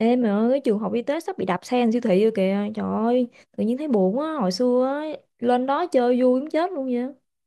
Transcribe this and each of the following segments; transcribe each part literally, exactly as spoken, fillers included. Ê mày ơi, cái trường học y tế sắp bị đạp xe thành siêu thị rồi kìa. Trời ơi, tự nhiên thấy buồn á. Hồi xưa á, lên đó chơi vui muốn chết luôn vậy.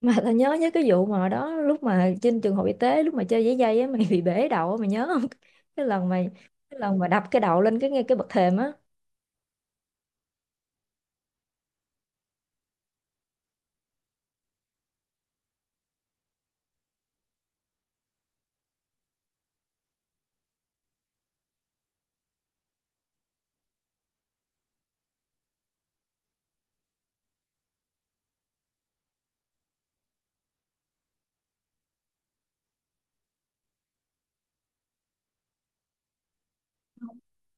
Mà tao nhớ nhớ cái vụ mà hồi đó lúc mà trên trường học y tế lúc mà chơi giấy dây á mày bị bể đầu á, mày nhớ không? Cái lần mày cái lần mà đập cái đầu lên cái ngay cái bậc thềm á.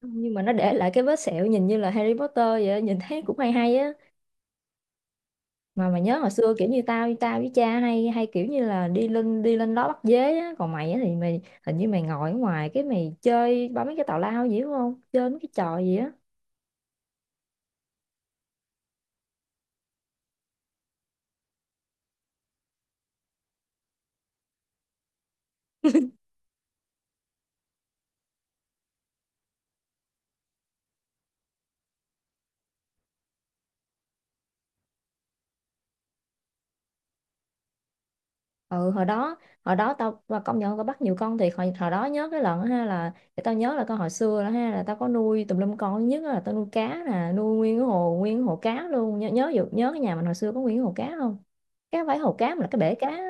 Nhưng mà nó để lại cái vết sẹo nhìn như là Harry Potter vậy, nhìn thấy cũng hay hay. Mà mà nhớ hồi xưa kiểu như tao tao với cha hay hay kiểu như là đi lên đi lên đó bắt dế á, còn mày á thì mày hình như mày ngồi ở ngoài cái mày chơi bấm mấy cái tào lao gì đúng không, chơi mấy cái trò gì á. Ừ, hồi đó hồi đó tao và công nhận tao bắt nhiều con thiệt hồi, hồi đó. Nhớ cái lần á ha, là để tao nhớ là tao hồi xưa đó ha, là tao có nuôi tùm lum con, thứ nhất á là tao nuôi cá nè, nuôi nguyên cái hồ nguyên cái hồ cá luôn. Nhớ nhớ vụ- nhớ cái nhà mình hồi xưa có nguyên cái hồ cá không? Cái không phải hồ cá mà là cái bể cá.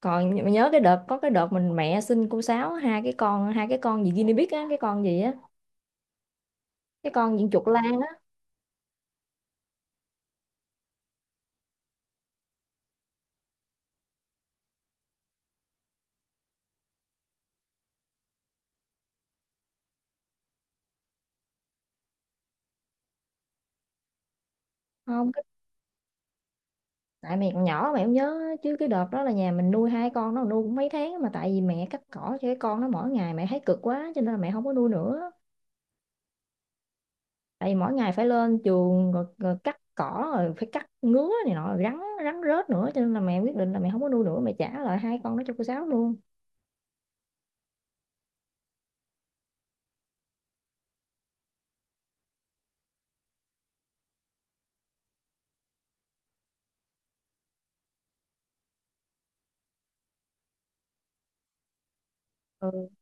Còn nh- nhớ cái đợt có cái đợt mình mẹ xin cô Sáu hai cái con hai cái con gì guinea pig á, cái con gì á, cái con diện chuột lang á. Không cái, tại mẹ còn nhỏ mẹ không nhớ chứ cái đợt đó là nhà mình nuôi hai con, nó nuôi cũng mấy tháng mà tại vì mẹ cắt cỏ cho cái con nó mỗi ngày mẹ thấy cực quá cho nên là mẹ không có nuôi nữa. Tại vì mỗi ngày phải lên chuồng rồi, rồi cắt cỏ rồi phải cắt ngứa này nọ rồi rắn rắn rết nữa cho nên là mẹ quyết định là mẹ không có nuôi nữa, mẹ trả lại hai con đó cho cô Sáu luôn. Ừ,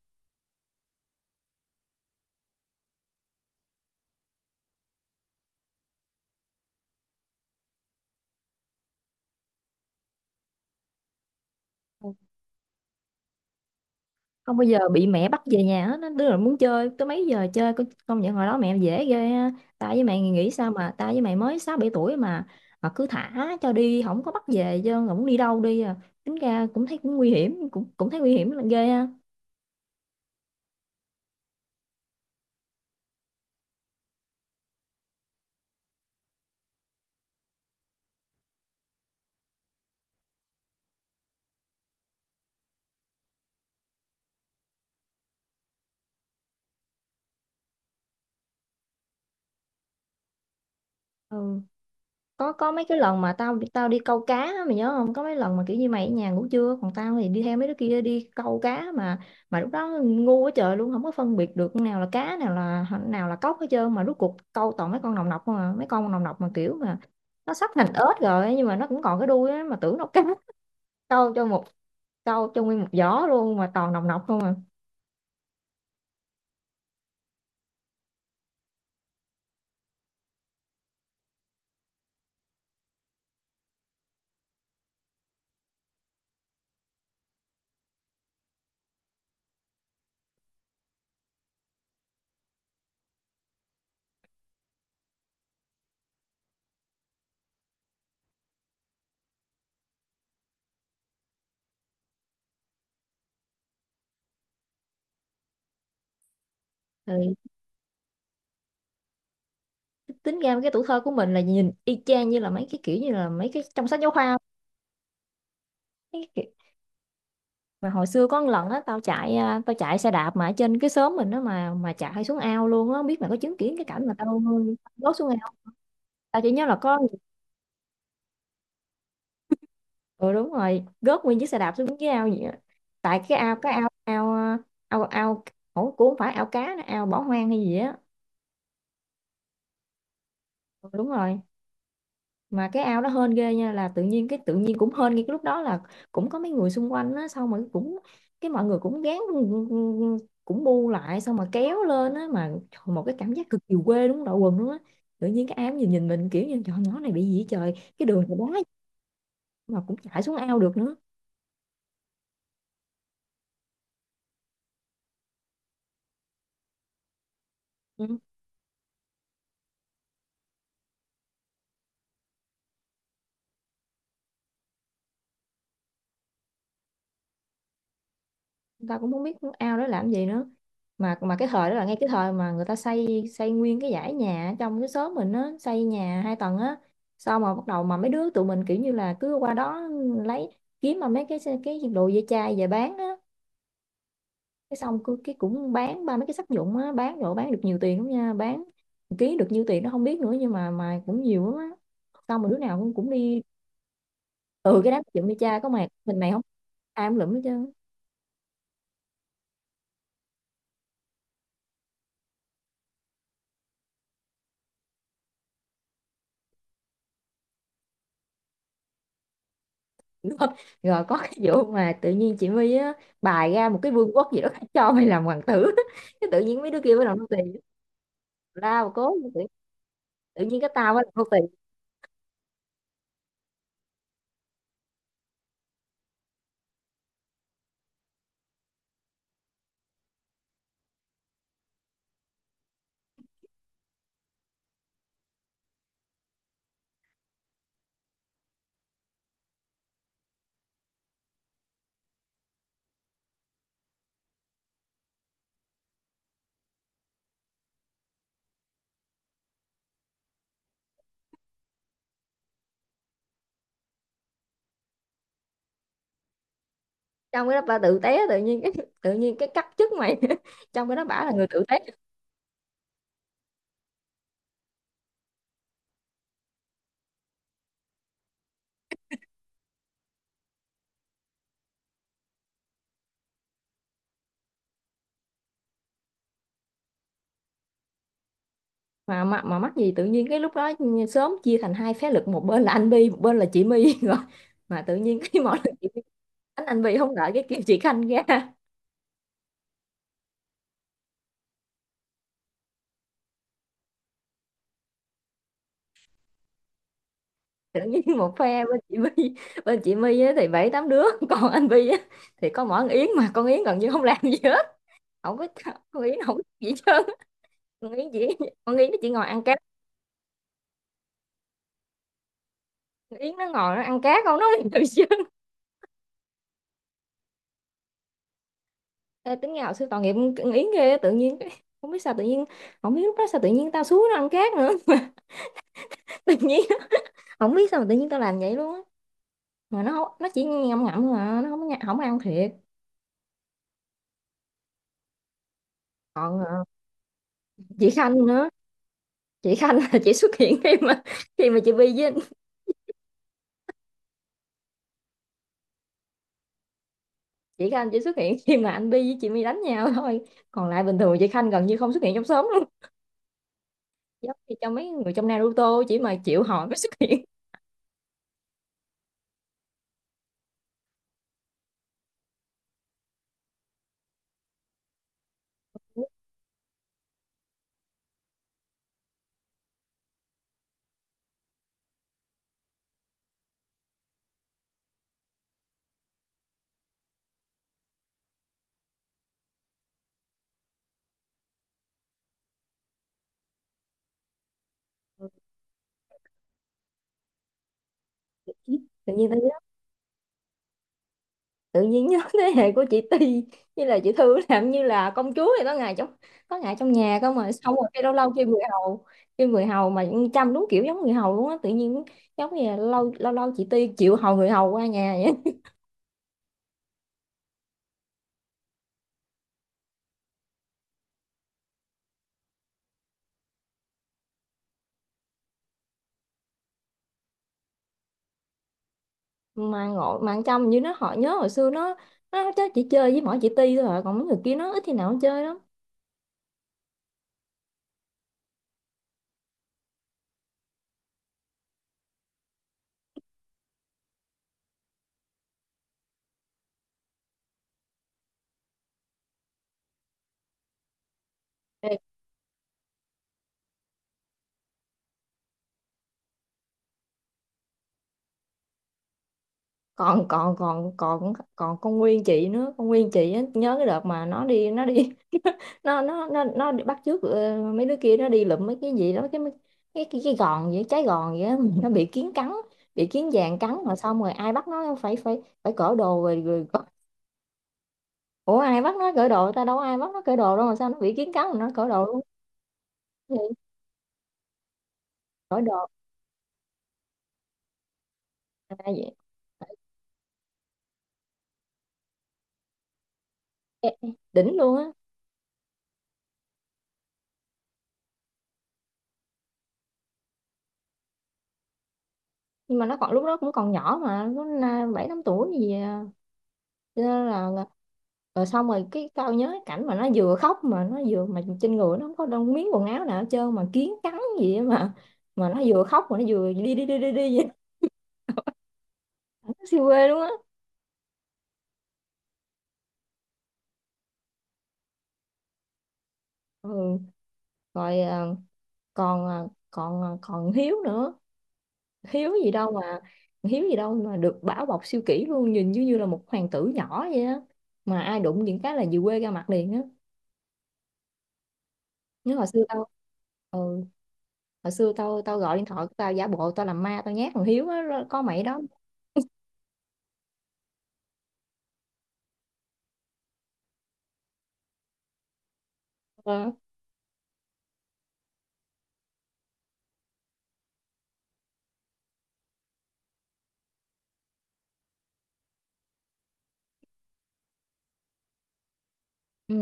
không bao giờ bị mẹ bắt về nhà hết á. Đứa nào muốn chơi tới mấy giờ chơi, con- công nhận hồi đó mẹ dễ ghê ha. Tao với mày nghĩ sao mà tao với mày mới sáu bảy tuổi mà mà cứ thả cho đi không có bắt về, chứ không đi đâu đi à. Tính ra cũng thấy cũng nguy hiểm, cũng cũng thấy nguy hiểm là ghê ha. Ừ. có có mấy cái lần mà tao tao đi câu cá á, mày nhớ không, có mấy lần mà kiểu như mày ở nhà ngủ trưa còn tao thì đi theo mấy đứa kia đi câu cá. mà mà lúc đó ngu quá trời luôn, không có phân biệt được nào là cá, nào là nào là cóc hết trơn, mà rốt cuộc câu toàn mấy con nòng nọc không à, mấy con nòng nọc mà kiểu mà nó sắp thành ếch rồi nhưng mà nó cũng còn cái đuôi á mà tưởng nó cá. câu cho một câu cho nguyên một giỏ luôn mà toàn nòng nọc không à. Thì tính ra cái tuổi thơ của mình là nhìn y chang như là mấy cái kiểu như là mấy cái trong sách giáo khoa, mấy cái. Mà hồi xưa có một lần á, tao chạy à, tao chạy xe đạp mà ở trên cái xóm mình đó mà mà chạy xuống ao luôn á, không biết mày có chứng kiến cái cảnh mà tao rớt xuống ao không? Tao chỉ nhớ là có. Ừ đúng rồi, gớt nguyên chiếc xe đạp xuống dưới ao vậy á. Tại cái ao cái ao ao ao ao, ủa, cũng không phải ao cá nữa, ao bỏ hoang hay gì á. Ừ, đúng rồi. Mà cái ao đó hên ghê nha, là tự nhiên cái tự nhiên cũng hên ngay cái lúc đó là cũng có mấy người xung quanh á, xong mà cũng cái mọi người cũng gán, cũng bu lại xong mà kéo lên á, mà trời, một cái cảm giác cực kỳ quê, đúng đội quần luôn á. Tự nhiên cái ao nhìn nhìn mình kiểu như trời, nhỏ này bị gì vậy trời, cái đường này đá mà cũng chạy xuống ao được nữa. Ừ. Người ta cũng không biết ao đó làm gì nữa. Mà mà cái thời đó là ngay cái thời mà người ta xây xây nguyên cái dãy nhà ở trong cái xóm mình á, xây nhà hai tầng á. Sau mà bắt đầu mà mấy đứa tụi mình kiểu như là cứ qua đó lấy, kiếm mà mấy cái cái đồ dây chai về bán á. Cái xong cứ cái cũng bán ba mấy cái sắt vụn á, bán đồ bán được nhiều tiền lắm nha, bán một ký được nhiêu tiền nó không biết nữa nhưng mà mà cũng nhiều lắm á. Xong mà đứa nào cũng cũng đi. Ừ, cái đám dựng dây cha có mà mình này không, ai cũng lụm hết trơn. Đúng không? Rồi có cái vụ mà tự nhiên chị My á, bài ra một cái vương quốc gì đó cho mày làm hoàng tử. Cái tự nhiên mấy đứa kia mới làm nô tì lao cố tự, tự nhiên cái tao mới làm nô tì. Trong cái đó ba tự té, tự nhiên cái tự nhiên cái cắt chức mày. Trong cái đó bả là người tự té. Mà mà, mà mắc gì tự nhiên cái lúc đó sớm chia thành hai phái lực, một bên là anh Bi, một bên là chị My. Rồi mà tự nhiên cái mọi lần chị My đánh anh Bi không đợi cái kêu chị Khanh ra. Tự nhiên một phe bên chị My, bên chị My á thì bảy tám đứa. Còn anh Vi á thì có mỗi con Yến mà con Yến gần như không làm gì hết, không có, con Yến không có gì hết trơn. Con Yến chỉ, con Yến nó chỉ ngồi ăn cá. Con Yến nó ngồi nó ăn cá không, nó không làm gì hết trơn. Ê, tính ra hồi xưa tội nghiệp con Yến ghê á, tự nhiên cái- không biết sao tự nhiên, không biết lúc đó sao tự nhiên tao xuống nó ăn cá nữa mà tự nhiên không biết sao mà tự nhiên tao làm vậy luôn á. Mà nó không, nó chỉ ngậm ngậm thôi mà nó không có- không ăn thiệt. Còn ờ, chị Khanh nữa. Chị Khanh là chị xuất hiện khi mà khi mà chị Vi với chị Khanh chỉ xuất hiện khi mà anh Bi với chị My đánh nhau thôi. Còn lại bình thường chị Khanh gần như không xuất hiện trong xóm luôn. Giống như cho mấy người trong Naruto chỉ mà chịu hỏi mới xuất hiện. Tự nhiên tôi nhớ, tự nhiên nhớ thế hệ của chị Ti như là chị Thư làm như là công chúa vậy đó, ngày trong, có ngày trong nhà cơ mà, xong rồi cái lâu lâu kêu người hầu, kêu người hầu mà chăm, đúng kiểu giống người hầu luôn á, tự nhiên giống như là lâu lâu lâu chị Ti chịu hầu người hầu qua nhà vậy. Mà ngộ mà ăn trong như nó họ, nhớ hồi xưa nó nó chắc chỉ chơi với mỗi chị Ti thôi à. Còn mấy người kia nó ít khi nào nó chơi lắm. Ê, còn còn còn còn còn con Nguyên chị nữa, con Nguyên chị á, nhớ cái đợt mà nó đi nó đi nó nó nó nó đi bắt chước ờ, mấy đứa kia nó đi lụm mấy cái gì đó, cái cái cái, cái gòn vậy, trái gòn vậy á, nó bị kiến cắn, bị kiến vàng cắn rồi xong rồi ai bắt nó phải phải phải cởi đồ rồi, rồi cởi- ủa ai bắt nó cởi đồ ta, đâu có ai bắt nó cởi đồ đâu mà sao nó bị kiến cắn mà nó cởi đồ luôn? Cái gì? Cởi đồ à, ê, ê, đỉnh luôn á. Nhưng mà nó còn, lúc đó cũng còn nhỏ mà nó na- bảy tám tuổi gì à, cho nên là rồi xong rồi cái tao nhớ cái cảnh mà nó vừa khóc mà nó vừa mà trên người nó không có đông miếng quần áo nào hết trơn mà kiến cắn gì á mà mà nó vừa khóc mà nó vừa đi đi đi đi đi vậy. Nó siêu quê luôn á. Ừ. Rồi à, còn à, còn à, còn Hiếu nữa. Hiếu gì đâu mà Hiếu gì đâu mà được bảo bọc siêu kỹ luôn, nhìn như như là một hoàng tử nhỏ vậy á, mà ai đụng những cái là về quê ra mặt liền á. Nhớ hồi xưa tao. Ừ, hồi xưa tao tao gọi điện thoại của tao giả bộ tao làm ma tao nhát thằng Hiếu á rồi có mày đó. Ờ, ừ.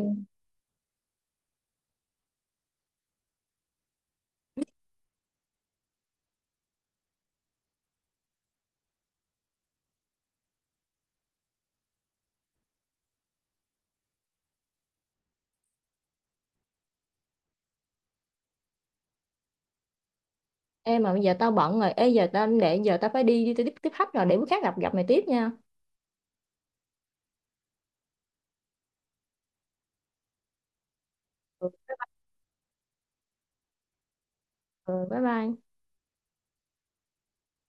Ê mà bây giờ tao bận rồi, ê giờ tao để giờ tao phải đi đi tao tiếp tiếp khách rồi, để bữa khác gặp gặp mày tiếp nha. Ừ, ừ, bye bye